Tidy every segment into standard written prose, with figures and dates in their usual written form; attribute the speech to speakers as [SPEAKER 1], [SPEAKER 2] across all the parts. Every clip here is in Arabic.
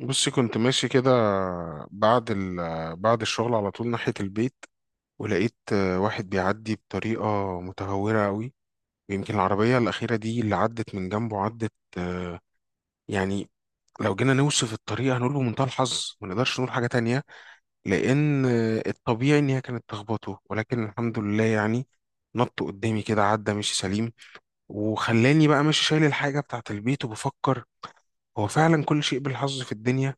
[SPEAKER 1] بصي كنت ماشي كده بعد ال... بعد الشغل على طول ناحية البيت. ولقيت واحد بيعدي بطريقة متهورة قوي، ويمكن العربية الأخيرة دي اللي عدت من جنبه عدت يعني لو جينا نوصف الطريقة هنقول بمنتهى الحظ، ما نقدرش نقول حاجة تانية، لأن الطبيعي إن هي كانت تخبطه، ولكن الحمد لله يعني نط قدامي كده عدى مشي سليم. وخلاني بقى ماشي شايل الحاجة بتاعت البيت وبفكر، هو فعلا كل شيء بالحظ في الدنيا،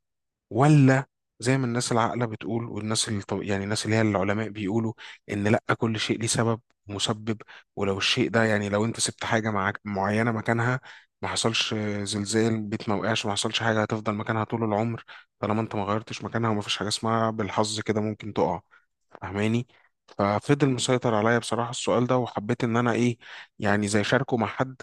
[SPEAKER 1] ولا زي ما الناس العاقلة بتقول والناس اللي يعني الناس اللي هي العلماء بيقولوا إن لأ كل شيء ليه سبب ومسبب؟ ولو الشيء ده يعني لو أنت سبت حاجة معاك معينة مكانها، ما حصلش زلزال، بيت ما وقعش، ما حصلش حاجة، هتفضل مكانها طول العمر طالما أنت ما غيرتش مكانها. وما فيش حاجة اسمها بالحظ كده ممكن تقع، فاهماني؟ ففضل مسيطر عليا بصراحة السؤال ده، وحبيت إن أنا إيه يعني زي شاركه مع حد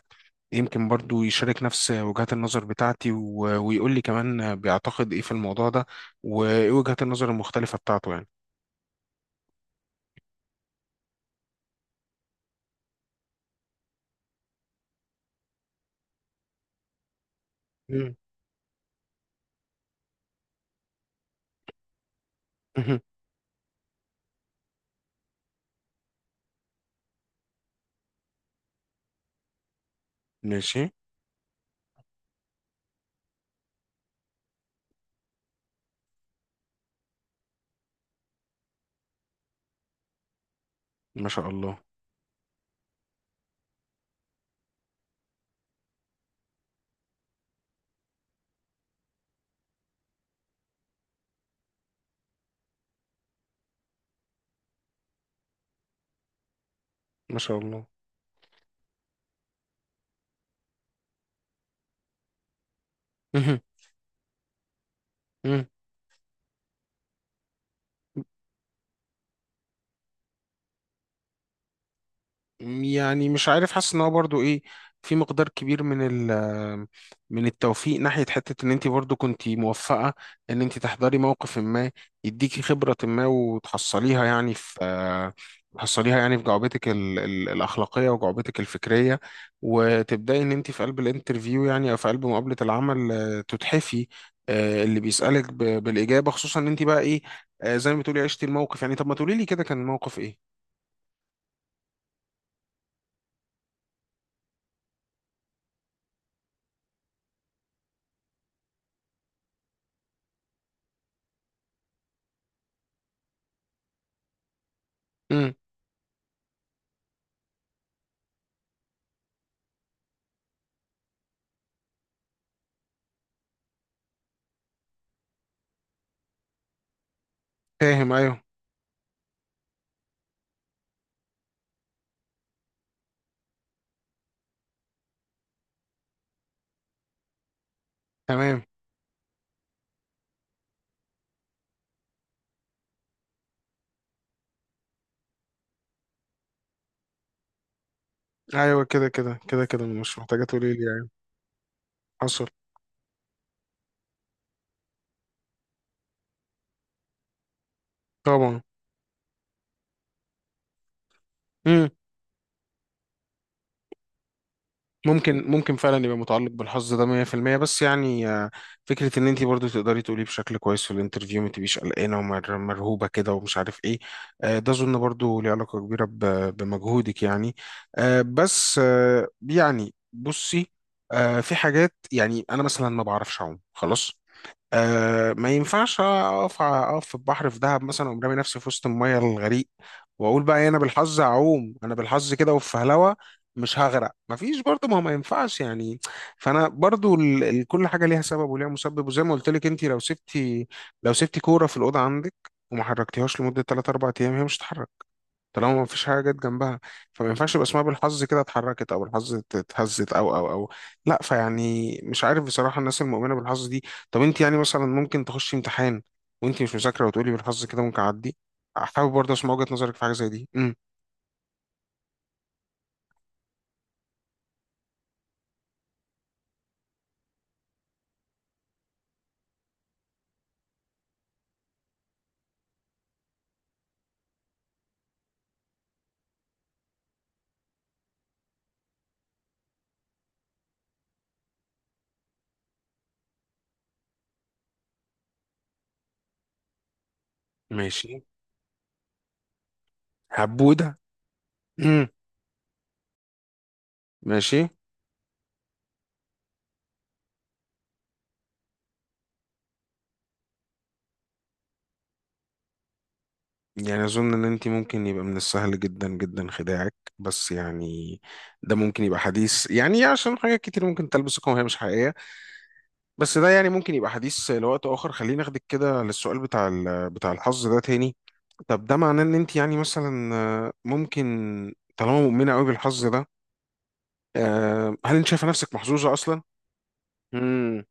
[SPEAKER 1] يمكن برضو يشارك نفس وجهات النظر بتاعتي، ويقول لي كمان بيعتقد ايه في الموضوع ده، وايه وجهات النظر المختلفة بتاعته يعني. مم. مهم. ماشي. ما شاء الله. ما شاء الله. مهم. مهم. يعني مش عارف، حاسس ان هو برضو ايه، في مقدار كبير من من التوفيق ناحية حتة ان انت برضو كنت موفقة، ان انت تحضري موقف ما يديكي خبرة ما وتحصليها يعني في، تحصليها يعني في جعبتك ال الأخلاقية وجعبتك الفكرية، وتبدأي ان انت في قلب الانترفيو يعني او في قلب مقابلة العمل، تتحفي اللي بيسألك بالإجابة، خصوصا ان انت بقى ايه، زي ما بتقولي عشتي الموقف يعني، طب ما تقولي لي كده كان الموقف ايه. امم فاهم ايوه. تمام. ايوه كده كده كده كده، مش محتاجه تقولي لي يعني. حصل. طبعا. امم ممكن فعلا يبقى متعلق بالحظ ده 100%، بس يعني فكره ان انت برضو تقدري تقولي بشكل كويس في الانترفيو، ما تبقيش قلقانه ومرهوبه كده ومش عارف ايه، ده اظن برضو ليه علاقه كبيره بمجهودك يعني. آه، بس آه، يعني بصي، في حاجات يعني انا مثلا ما بعرفش اعوم خلاص، ما ينفعش اقف في البحر في دهب مثلا، وأقوم رامي نفسي في وسط الميه الغريق، واقول بقى إيه، انا بالحظ اعوم، انا بالحظ كده وفي هلوة مش هغرق. مفيش برضه، ما هو ما ينفعش يعني. فانا برضه كل حاجه ليها سبب وليها مسبب، وزي ما قلت لك، انت لو سبتي كوره في الاوضه عندك وما حركتيهاش لمده 3 4 ايام، هي مش هتتحرك طالما ما فيش حاجه جت جنبها. فما ينفعش يبقى اسمها بالحظ كده اتحركت، او بالحظ اتهزت، او لا، فيعني مش عارف بصراحه الناس المؤمنه بالحظ دي. طب انت يعني مثلا ممكن تخشي امتحان وانت مش مذاكره وتقولي بالحظ كده ممكن اعدي؟ حابب برضه اسمع وجهه نظرك في حاجه زي دي. ماشي. هبوده. امم ماشي. يعني اظن ان انت ممكن يبقى من السهل جدا جدا خداعك، بس يعني ده ممكن يبقى حديث يعني عشان حاجات كتير ممكن تلبسكم وهي مش حقيقيه، بس ده يعني ممكن يبقى حديث لوقت آخر. خلينا ناخدك كده للسؤال بتاع بتاع الحظ ده تاني. طب ده معناه إن أنت يعني مثلا ممكن، طالما مؤمنة قوي بالحظ ده، هل أنت شايفة نفسك محظوظة أصلا؟ مم.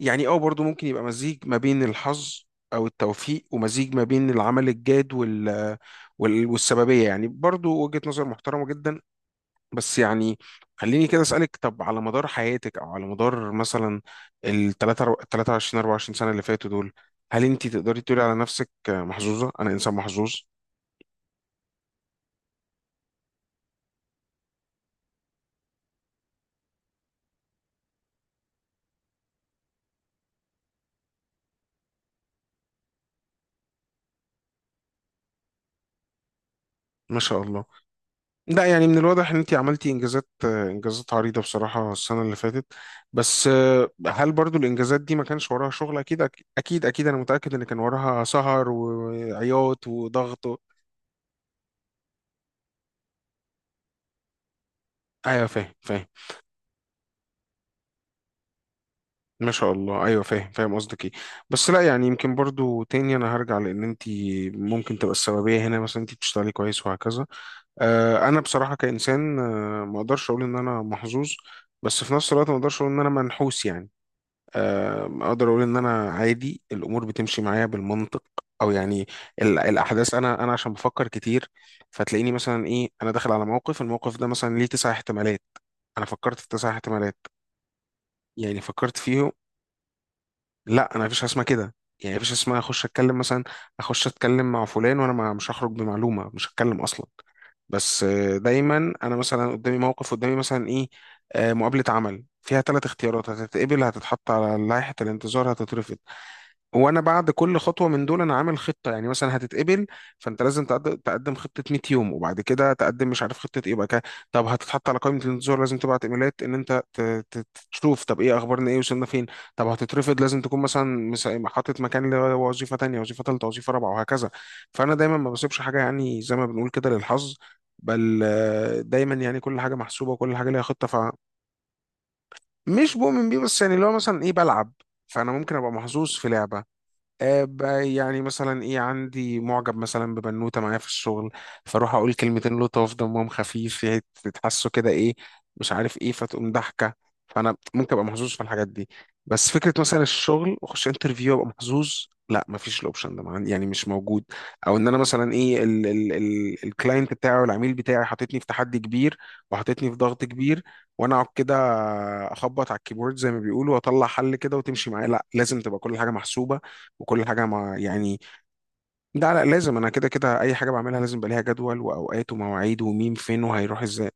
[SPEAKER 1] يعني اه، برضو ممكن يبقى مزيج ما بين الحظ أو التوفيق، ومزيج ما بين العمل الجاد والسببية يعني، برضو وجهة نظر محترمة جدا. بس يعني خليني كده أسألك، طب على مدار حياتك، أو على مدار مثلا ال 23 24 سنة اللي فاتوا دول، هل أنت تقدري تقولي على نفسك محظوظة؟ أنا إنسان محظوظ. ما شاء الله. لا يعني من الواضح إن أنت عملتي إنجازات، إنجازات عريضة بصراحة السنة اللي فاتت، بس هل برضو الإنجازات دي ما كانش وراها شغل؟ أكيد أكيد أكيد أنا متأكد إن كان وراها سهر وعياط وضغط أيوه فاهم فاهم. ما شاء الله ايوه فاهم فاهم قصدك ايه. بس لا يعني يمكن برضو تاني انا هرجع، لان انت ممكن تبقى السببيه هنا، مثلا انت بتشتغلي كويس وهكذا. انا بصراحه كانسان ما اقدرش اقول ان انا محظوظ، بس في نفس الوقت ما اقدرش اقول ان انا منحوس يعني. اقدر اقول ان انا عادي، الامور بتمشي معايا بالمنطق، او يعني الاحداث، انا عشان بفكر كتير، فتلاقيني مثلا ايه انا داخل على موقف، الموقف ده مثلا ليه تسع احتمالات، انا فكرت في تسع احتمالات يعني، فكرت فيهم. لا انا مفيش حاجه اسمها كده، يعني مفيش حاجة اسمها اخش اتكلم مثلا، اخش اتكلم مع فلان وانا مش هخرج بمعلومه، مش هتكلم اصلا. بس دايما انا مثلا قدامي موقف، قدامي مثلا ايه، مقابله عمل فيها ثلاث اختيارات، هتتقبل، هتتحط على لائحه الانتظار، هتترفض. وانا بعد كل خطوه من دول انا عامل خطه، يعني مثلا هتتقبل، فانت لازم تقدم خطه 100 يوم، وبعد كده تقدم مش عارف خطه ايه بقى كده. طب هتتحط على قائمه الانتظار، لازم تبعت ايميلات ان انت ت- تشوف، طب ايه اخبارنا، ايه وصلنا فين. طب هتترفض، لازم تكون مثلا حاطط مكان لوظيفه تانية، وظيفه ثالثه، وظيفه رابعه، وهكذا. فانا دايما ما بسيبش حاجه يعني زي ما بنقول كده للحظ، بل دايما يعني كل حاجه محسوبه، وكل حاجه ليها خطه. فمش بؤمن بيه، بس يعني لو مثلا ايه بلعب، فانا ممكن ابقى محظوظ في لعبه، يعني مثلا ايه، عندي معجب مثلا ببنوته معايا في الشغل، فاروح اقول كلمتين لطاف، دمهم خفيف، هي تتحسوا كده ايه، مش عارف ايه، فتقوم ضحكه، فانا ممكن ابقى محظوظ في الحاجات دي. بس فكره مثلا الشغل واخش انترفيو ابقى محظوظ، لا مفيش الاوبشن ده، يعني مش موجود. او ان انا مثلا ايه الكلاينت بتاعي، والعميل بتاعي حاططني في تحدي كبير، وحاططني في ضغط كبير، وانا اقعد كده اخبط على الكيبورد زي ما بيقولوا واطلع حل كده وتمشي معايا، لا لازم تبقى كل حاجه محسوبه، وكل حاجه مع يعني، ده لا لازم انا، كده كده اي حاجه بعملها لازم يبقى ليها جدول واوقات ومواعيد ومين فين وهيروح ازاي.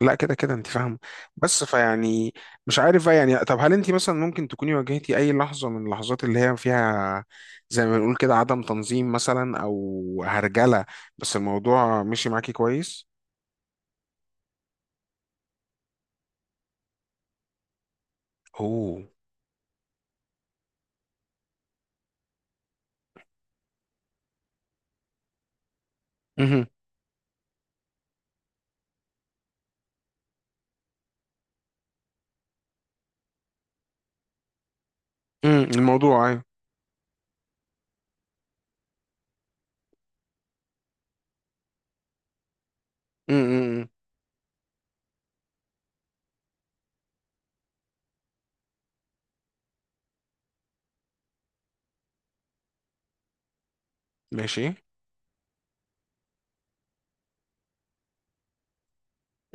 [SPEAKER 1] لا كده كده انت فاهمه. بس فيعني مش عارف بقى يعني، طب هل انت مثلا ممكن تكوني واجهتي اي لحظه من اللحظات اللي هي فيها زي ما بنقول كده عدم تنظيم مثلا، او هرجله، بس الموضوع مشي معاكي كويس؟ اوه. مهم. مم. الموضوع ايوه. مم. مم. مم. ماشي.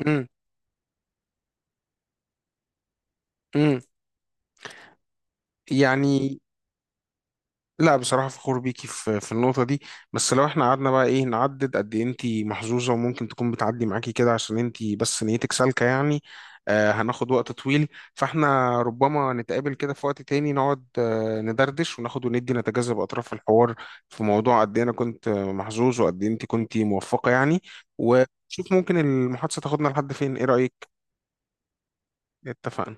[SPEAKER 1] مم. مم. يعني لا بصراحة فخور بيكي في النقطة دي، بس لو احنا قعدنا بقى ايه نعدد قد ايه انتي محظوظة وممكن تكون بتعدي معاكي كده عشان انتي بس نيتك سالكة يعني، هناخد وقت طويل. فاحنا ربما نتقابل كده في وقت تاني، نقعد ندردش وناخد وندي نتجاذب أطراف الحوار في موضوع قد ايه انا كنت محظوظ وقد ايه انتي كنتي موفقة يعني، ونشوف ممكن المحادثة تاخدنا لحد فين. ايه رأيك؟ اتفقنا.